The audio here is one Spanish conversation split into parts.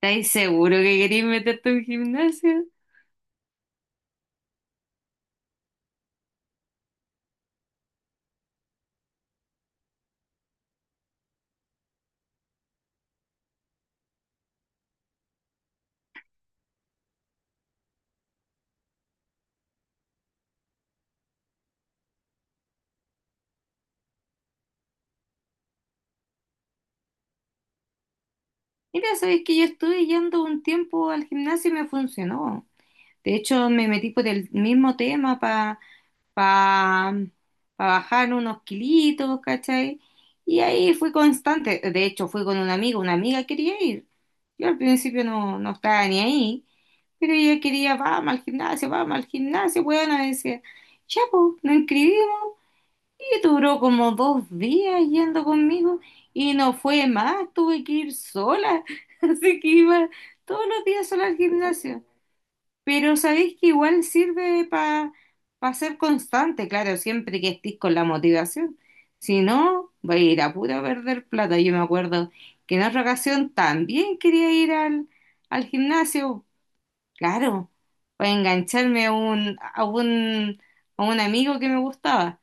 ¿Estáis seguro que queréis meterte a un gimnasio? Mira, sabéis que yo estuve yendo un tiempo al gimnasio y me funcionó. De hecho, me metí por el mismo tema para pa, pa- pa bajar unos kilitos, ¿cachai? Y ahí fui constante. De hecho, fui con una amiga quería ir. Yo al principio no, no estaba ni ahí, pero ella quería, vamos al gimnasio, bueno, decía, ya, pues, nos inscribimos. Y duró como dos días yendo conmigo y no fue más, tuve que ir sola, así que iba todos los días sola al gimnasio. Pero sabéis que igual sirve para ser constante, claro, siempre que estés con la motivación. Si no, va a ir a puro perder plata. Yo me acuerdo que en otra ocasión también quería ir al gimnasio, claro, para engancharme a un, a un amigo que me gustaba.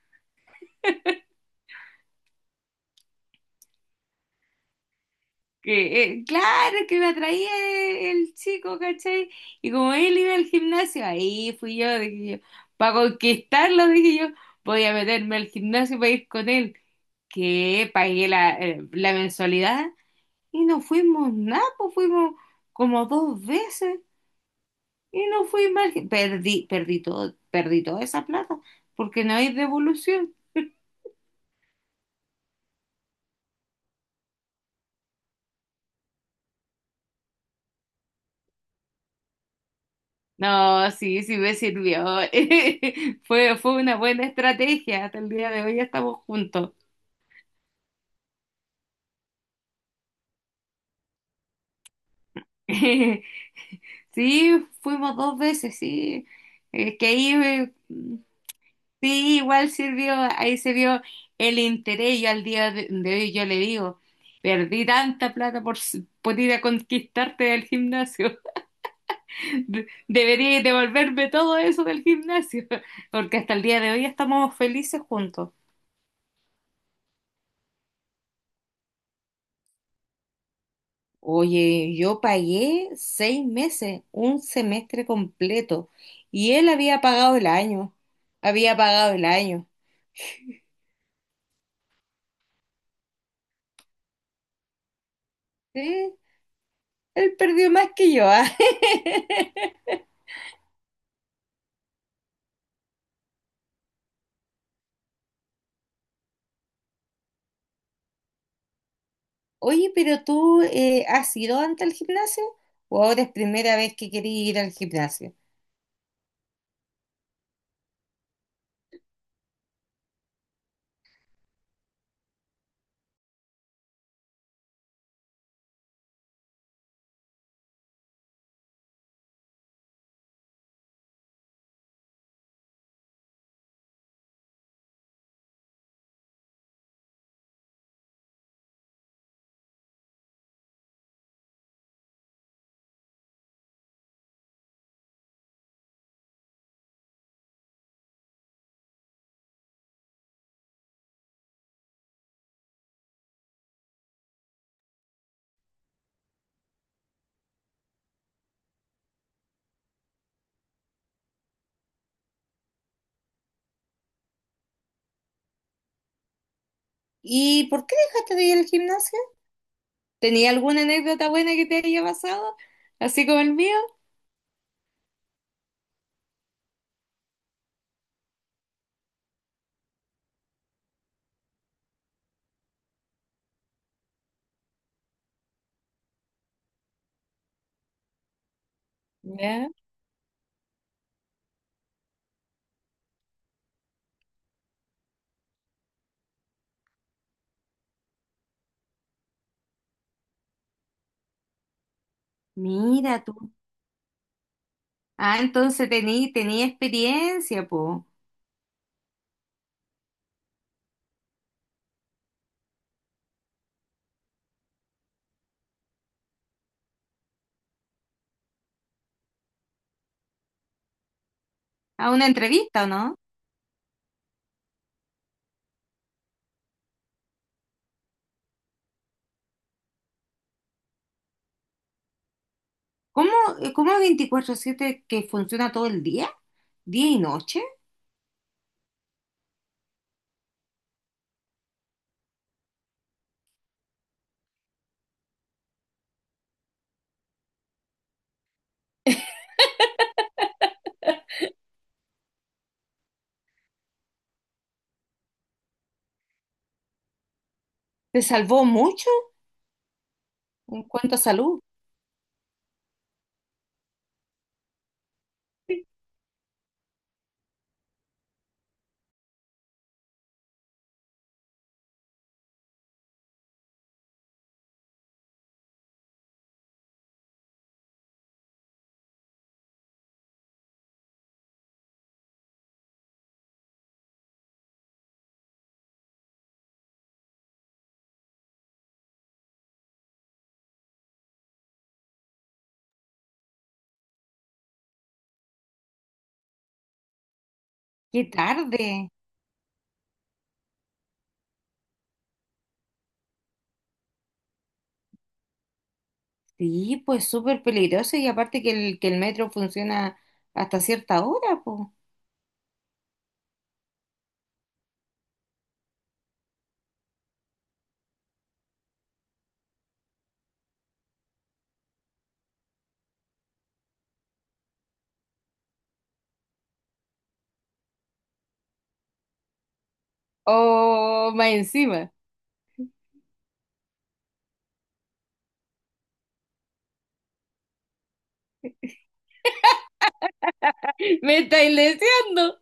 Que claro, que me atraía el, el chico, ¿cachai? Y como él iba al gimnasio, ahí fui yo, dije yo, para conquistarlo, dije yo, voy a meterme al gimnasio para ir con él, que pagué la, la mensualidad y no fuimos nada, pues fuimos como dos veces y no fui mal, perdí todo, perdí toda esa plata, porque no hay devolución. No, sí, sí me sirvió. Fue una buena estrategia. Hasta el día de hoy estamos juntos. Sí, fuimos dos veces, sí. Es que ahí, sí, igual sirvió, ahí se vio el interés. Yo al día de hoy yo le digo, perdí tanta plata por, s- por ir a conquistarte del gimnasio. Debería devolverme todo eso del gimnasio, porque hasta el día de hoy estamos felices juntos. Oye, yo pagué seis meses, un semestre completo, y él había pagado el año, había pagado el año. Sí, él perdió más que yo. Ah. Oye, pero tú ¿has ido antes al gimnasio? ¿O ahora es primera vez que querías ir al gimnasio? ¿Y por qué dejaste de ir al gimnasio? ¿Tenía alguna anécdota buena que te haya pasado? Así como el mío. Ya. Mira tú. Ah, entonces tenía experiencia, po. A una entrevista, ¿o no? ¿Cómo, cómo veinticuatro siete que funciona todo el día? ¿Día y noche? ¿Te salvó mucho en cuanto a salud? Qué tarde. Sí, pues súper peligroso y aparte que el metro funciona hasta cierta hora, pues. Oh, más encima. Me estáis deseando.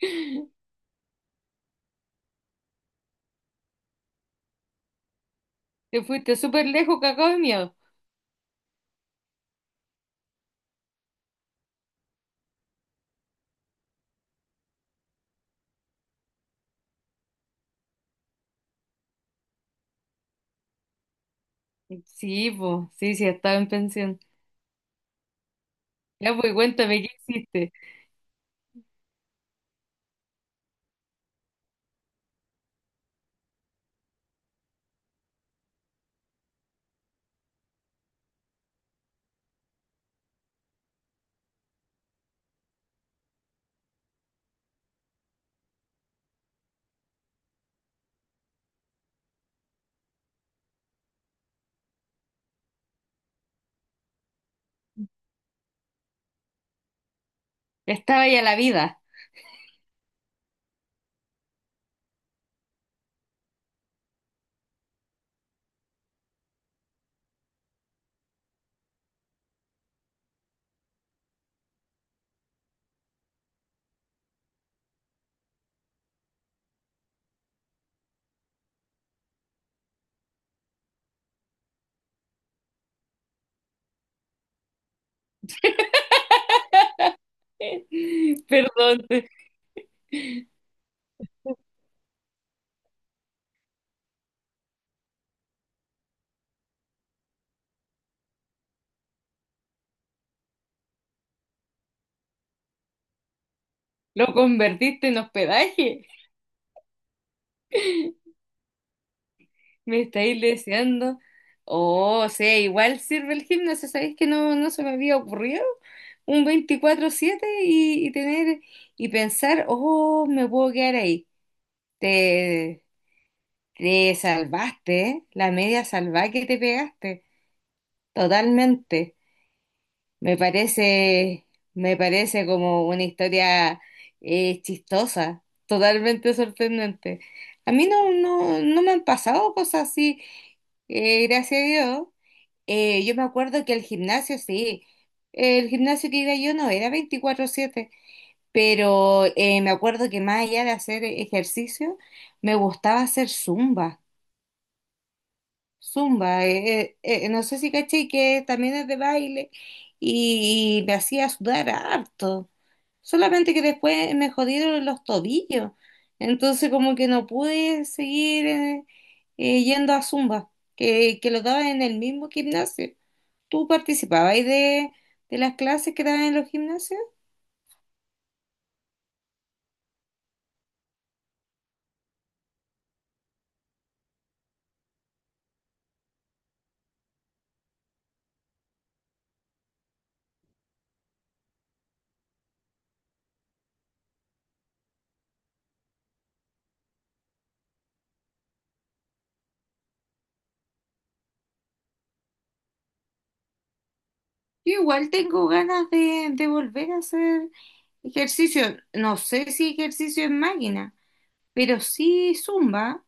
Te fuiste súper lejos, cacao de miedo. Sí, pues, sí, sí, estaba en pensión. Ya, pues, cuéntame, ¿qué hiciste? Estaba ya la vida. Perdón, lo convertiste en hospedaje. Me estáis deseando. Oh, o sea, igual sirve el gimnasio, ¿sabéis que no, no se me había ocurrido? Un veinticuatro siete y tener y pensar, oh, me puedo quedar ahí. Te, te salvaste, ¿eh? La media salvada que te pegaste. Totalmente. Me parece, me parece como una historia chistosa, totalmente sorprendente. A mí no, no, no me han pasado cosas así, gracias a Dios. Yo me acuerdo que el gimnasio, sí, el gimnasio que iba yo no era 24/7, pero me acuerdo que más allá de hacer ejercicio, me gustaba hacer zumba. Zumba, no sé si caché que también es de baile y, me hacía sudar harto, solamente que después me jodieron los tobillos, entonces como que no pude seguir yendo a zumba, que lo daba en el mismo gimnasio. ¿Tú participabas de las clases que daban en los gimnasios? Yo igual tengo ganas de volver a hacer ejercicio. No sé si ejercicio en máquina, pero sí zumba.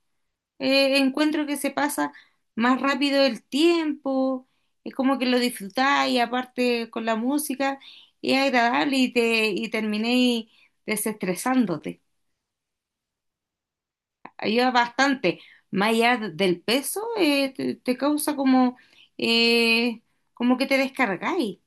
Encuentro que se pasa más rápido el tiempo, es como que lo disfrutáis, y aparte con la música, y es agradable y te y terminéis desestresándote. Ayuda bastante. Más allá del peso, te causa como, eh, como que te descargáis.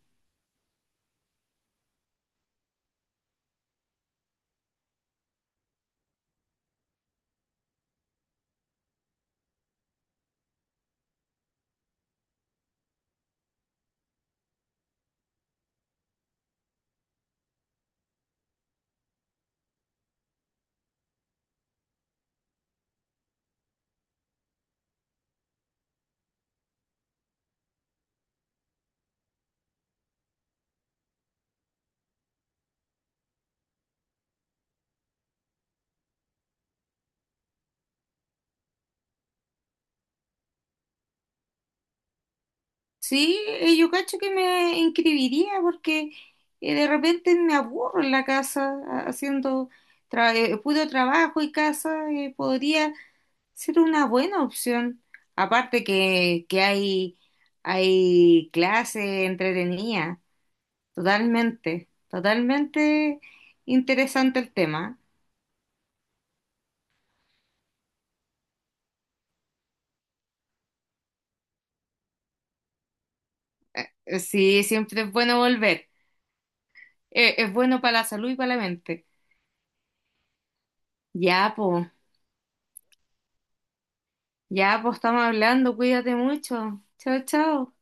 Sí, yo cacho que me inscribiría porque de repente me aburro en la casa haciendo puro trabajo y casa, podría ser una buena opción. Aparte que hay clases entretenidas, totalmente, totalmente interesante el tema. Sí, siempre es bueno volver. Es bueno para la salud y para la mente. Ya, po, ya, po, estamos hablando. Cuídate mucho. Chao, chao.